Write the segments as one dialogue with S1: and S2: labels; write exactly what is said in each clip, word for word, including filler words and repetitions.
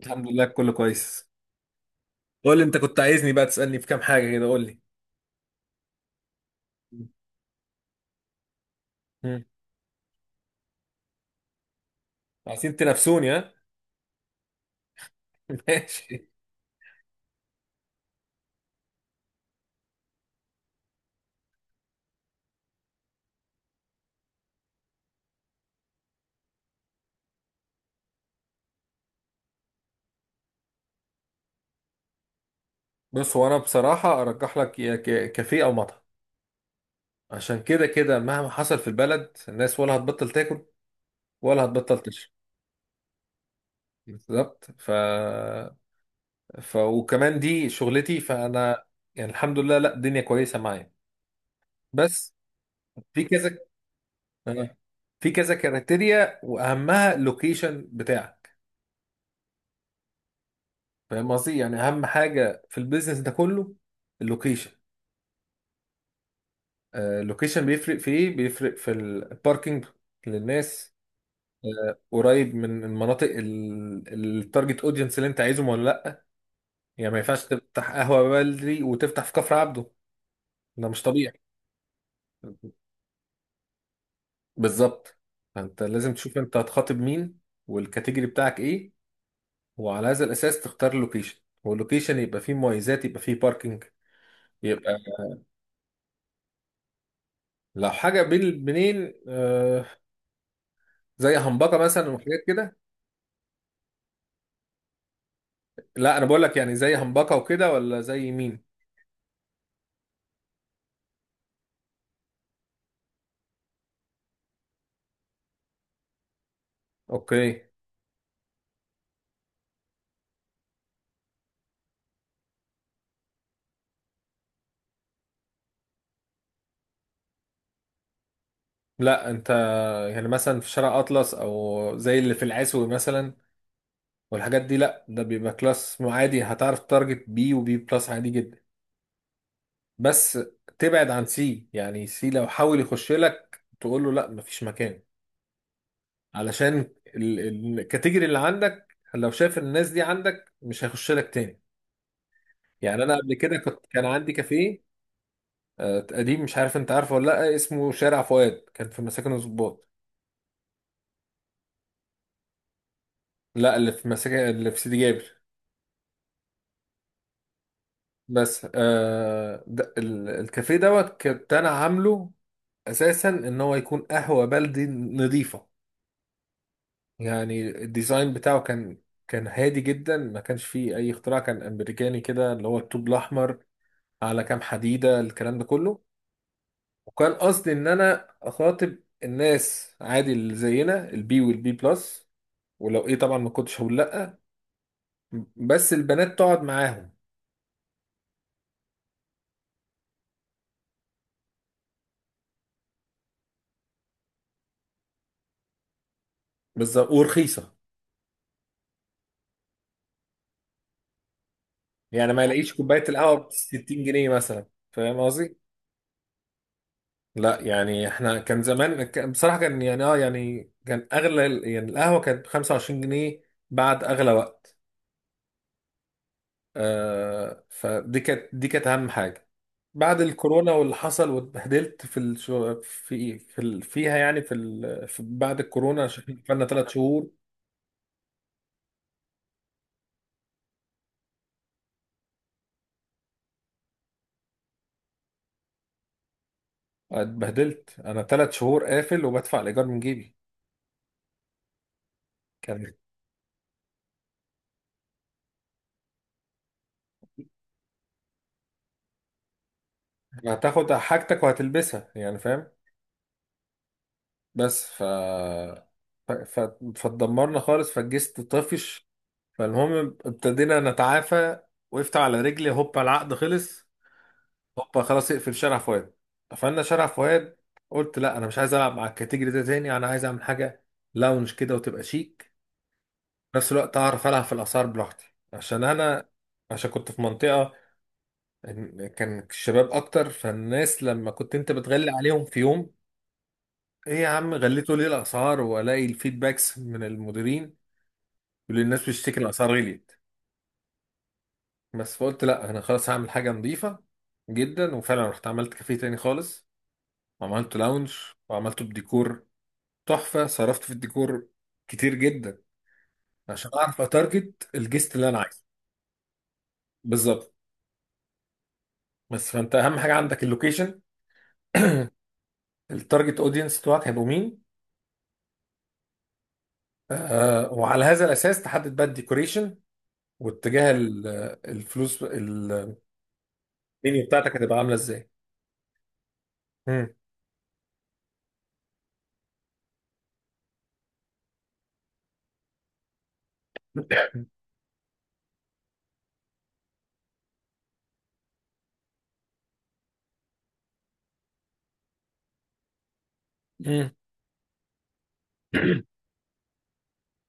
S1: الحمد لله كله كويس. قول لي انت كنت عايزني بقى تسألني في كام حاجة كده، قول لي. مم. عايزين تنافسوني؟ ها. ماشي. بص، هو انا بصراحة ارجح لك يا ك- كافيه او مطعم. عشان كده كده مهما حصل في البلد الناس ولا هتبطل تاكل ولا هتبطل تشرب. بالظبط. ف... ف وكمان دي شغلتي، فانا يعني الحمد لله، لا الدنيا كويسة معايا، بس. في كذا، آه. في كذا كريتيريا واهمها اللوكيشن بتاعك. فاهم قصدي؟ يعني اهم حاجه في البيزنس ده كله اللوكيشن. آه، اللوكيشن بيفرق في ايه؟ بيفرق في الباركينج للناس، آه، قريب من المناطق، التارجت اودينس اللي انت عايزهم ولا لا. يعني ما ينفعش تفتح قهوه بلدي وتفتح في كفر عبده، ده مش طبيعي. بالظبط. فانت لازم تشوف انت هتخاطب مين، والكاتيجوري بتاعك ايه، وعلى هذا الاساس تختار اللوكيشن. واللوكيشن يبقى فيه مميزات، يبقى فيه باركينج. يبقى لو حاجه بين البنين زي همبكه مثلا وحاجات كده. لا، انا بقول لك يعني زي همبكه وكده، ولا زي مين؟ اوكي. لا انت يعني مثلا في شارع اطلس او زي اللي في العسوي مثلا والحاجات دي، لا ده بيبقى كلاس عادي. هتعرف تارجت بي وبي بلس عادي جدا. بس تبعد عن سي. يعني سي لو حاول يخش لك تقول له لا مفيش مكان، علشان ال- ال- الكاتيجوري اللي عندك لو شاف الناس دي عندك مش هيخش لك تاني. يعني انا قبل كده كنت كان عندي كافيه آه، قديم. مش عارف انت عارفه ولا لا، اسمه شارع فؤاد، كان في مساكن الضباط. لا اللي في مساكن اللي في سيدي جابر. بس آه ده ال- الكافيه دوت كنت انا عامله اساسا ان هو يكون قهوه بلدي نظيفه. يعني الديزاين بتاعه كان كان هادي جدا، ما كانش فيه اي اختراع، كان امريكاني كده اللي هو الطوب الاحمر على كام حديده، الكلام ده كله. وكان قصدي ان انا اخاطب الناس عادي اللي زينا البي والبي بلس، ولو ايه طبعا ما كنتش هقول لا بس البنات تقعد معاهم. بالظبط ورخيصه. يعني ما يلاقيش كوبايه القهوه ب ستين جنيه مثلا. فاهم قصدي؟ لا يعني احنا كان زمان كان- بصراحه كان يعني اه يعني كان اغلى ال- يعني القهوه كانت ب خمسة وعشرين جنيه، بعد اغلى وقت. آه، فدي كانت دي كانت اهم حاجه. بعد الكورونا واللي حصل واتبهدلت في الشو في في ال- فيها يعني في, ال... في بعد الكورونا عشان قفلنا ثلاث شهور. اتبهدلت انا ثلاث شهور قافل وبدفع الايجار من جيبي. كان يعني هتاخد حاجتك وهتلبسها، يعني فاهم. بس ف ف... ف... فاتدمرنا خالص، فالجست طفش. فالمهم ابتدينا نتعافى، وقفت على رجلي. هوبا العقد خلص، هوبا خلاص اقفل شارع فؤاد. قفلنا شارع فؤاد. قلت لا انا مش عايز العب مع الكاتيجوري ده تاني، انا عايز اعمل حاجه لاونج كده وتبقى شيك، في نفس الوقت اعرف العب في الاسعار براحتي، عشان انا عشان كنت في منطقه إن- كان الشباب اكتر. فالناس لما كنت انت بتغلي عليهم في يوم، ايه يا عم غليتوا ليه الاسعار، والاقي الفيدباكس من المديرين يقول لي الناس بتشتكي الاسعار غليت. بس فقلت لا انا خلاص هعمل حاجه نظيفه جدا، وفعلا رحت عملت كافيه تاني خالص، وعملت لاونج، وعملته بديكور تحفه. صرفت في الديكور كتير جدا عشان اعرف اتارجت الجست اللي انا عايزه بالظبط. بس فانت اهم حاجه عندك اللوكيشن، التارجت اودينس بتوعك هيبقوا مين، آه، وعلى هذا الاساس تحدد بقى الديكوريشن واتجاه ال- الفلوس، المنيو بتاعتك هتبقى عامله ازاي. مم. مم.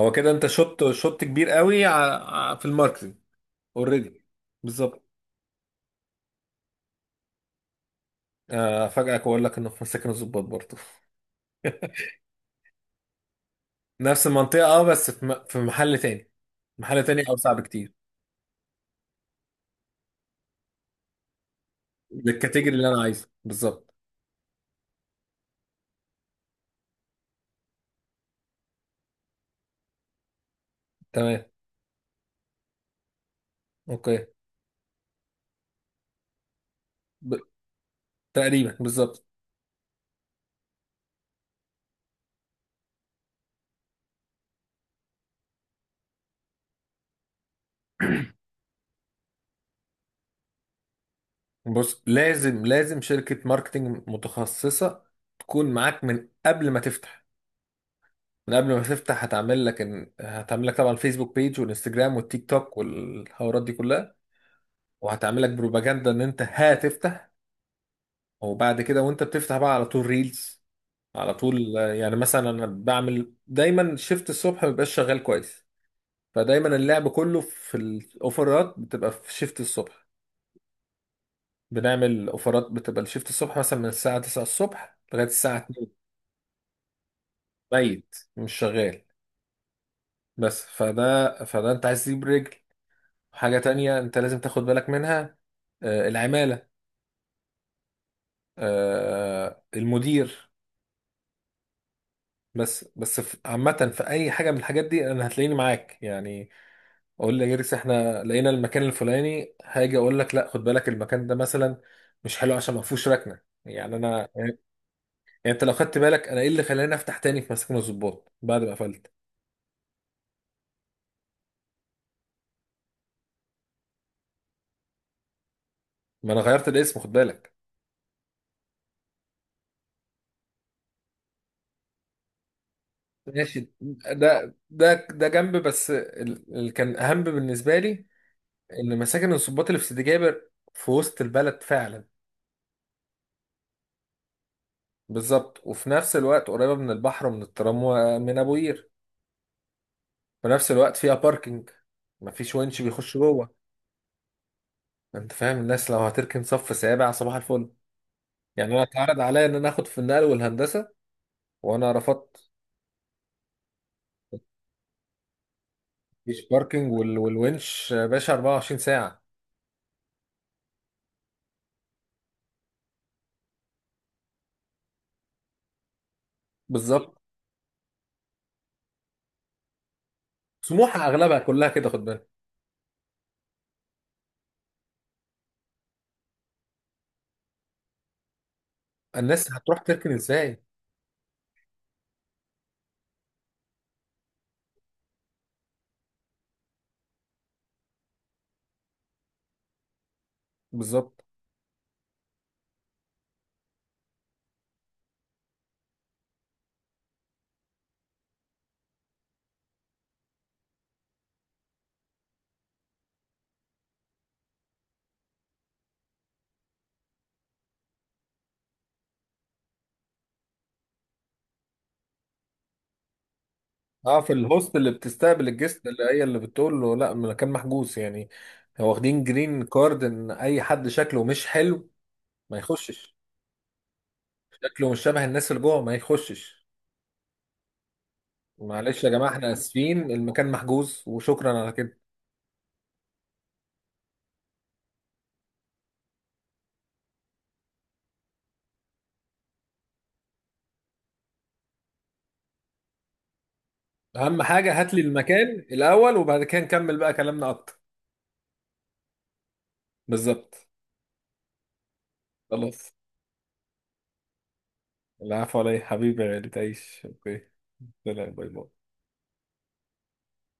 S1: هو كده انت شوت شوت كبير قوي ع- ع- في الماركتنج اوريدي. بالظبط. آه، افاجئك واقول لك انه في مساكن الضباط برضه. نفس المنطقه، اه، بس في م- في محل تاني. محل تاني اوسع بكتير. للكاتيجوري اللي انا عايزه بالظبط. تمام. اوكي. ب... تقريبا بالظبط. بص لازم لازم شركه ماركتنج متخصصه تكون معاك من قبل ما تفتح. من قبل ما تفتح هتعمل لك إن... هتعمل لك طبعا الفيسبوك بيج والانستجرام والتيك توك والحوارات دي كلها، وهتعمل لك بروباجندا ان انت هتفتح. وبعد كده وانت بتفتح بقى على طول ريلز على طول. آه، يعني مثلا انا بعمل دايما شيفت الصبح ما بيبقاش شغال كويس، فدايما اللعب كله في الاوفرات بتبقى في شيفت الصبح. بنعمل اوفرات بتبقى الشيفت الصبح مثلا من الساعة تسعة الصبح لغاية الساعة اتنين ميت مش شغال. بس فده فده انت عايز تجيب رجل. حاجة تانية انت لازم تاخد بالك منها، آه، العمالة، آه، المدير. بس بس في- عامة في أي حاجة من الحاجات دي أنا هتلاقيني معاك يعني. أقول لجيركس إحنا لقينا المكان الفلاني، هاجي أقول لك لا خد بالك المكان ده مثلا مش حلو عشان ما فيهوش ركنة، يعني أنا يعني. يعني أنت لو خدت بالك أنا إيه اللي خلاني أفتح تاني في مساكن الضباط بعد ما قفلت؟ ما أنا غيرت الاسم خد بالك. ماشي. ده ده ده جنب، بس ال- اللي كان أهم بالنسبة لي إن مساكن الضباط اللي في سيدي جابر في وسط البلد فعلا. بالظبط، وفي نفس الوقت قريبة من البحر ومن الترام ومن أبو قير. في نفس الوقت فيها باركينج، مفيش ونش بيخش جوه. انت فاهم، الناس لو هتركن صف سابع صباح الفل. يعني انا اتعرض عليا ان انا اخد في النقل والهندسه، وانا رفضت. مفيش باركينج وال... والونش يا باشا اربعة وعشرين ساعة ساعه. بالظبط. سموحه اغلبها كلها كده خد بالك. الناس هتروح تركن ازاي؟ بالظبط. اه، في الهوست اللي بتستقبل الجست، اللي هي اللي بتقول له لا المكان محجوز يعني. هو واخدين جرين كارد ان اي حد شكله مش حلو ما يخشش. شكله مش شبه الناس اللي جوه ما يخشش. معلش يا جماعة احنا اسفين المكان محجوز وشكرا على كده. اهم حاجة هات لي المكان الاول وبعد كده نكمل بقى كلامنا اكتر. بالظبط. خلاص. العفو علي حبيبي يا غالي تعيش. اوكي. سلام، باي باي.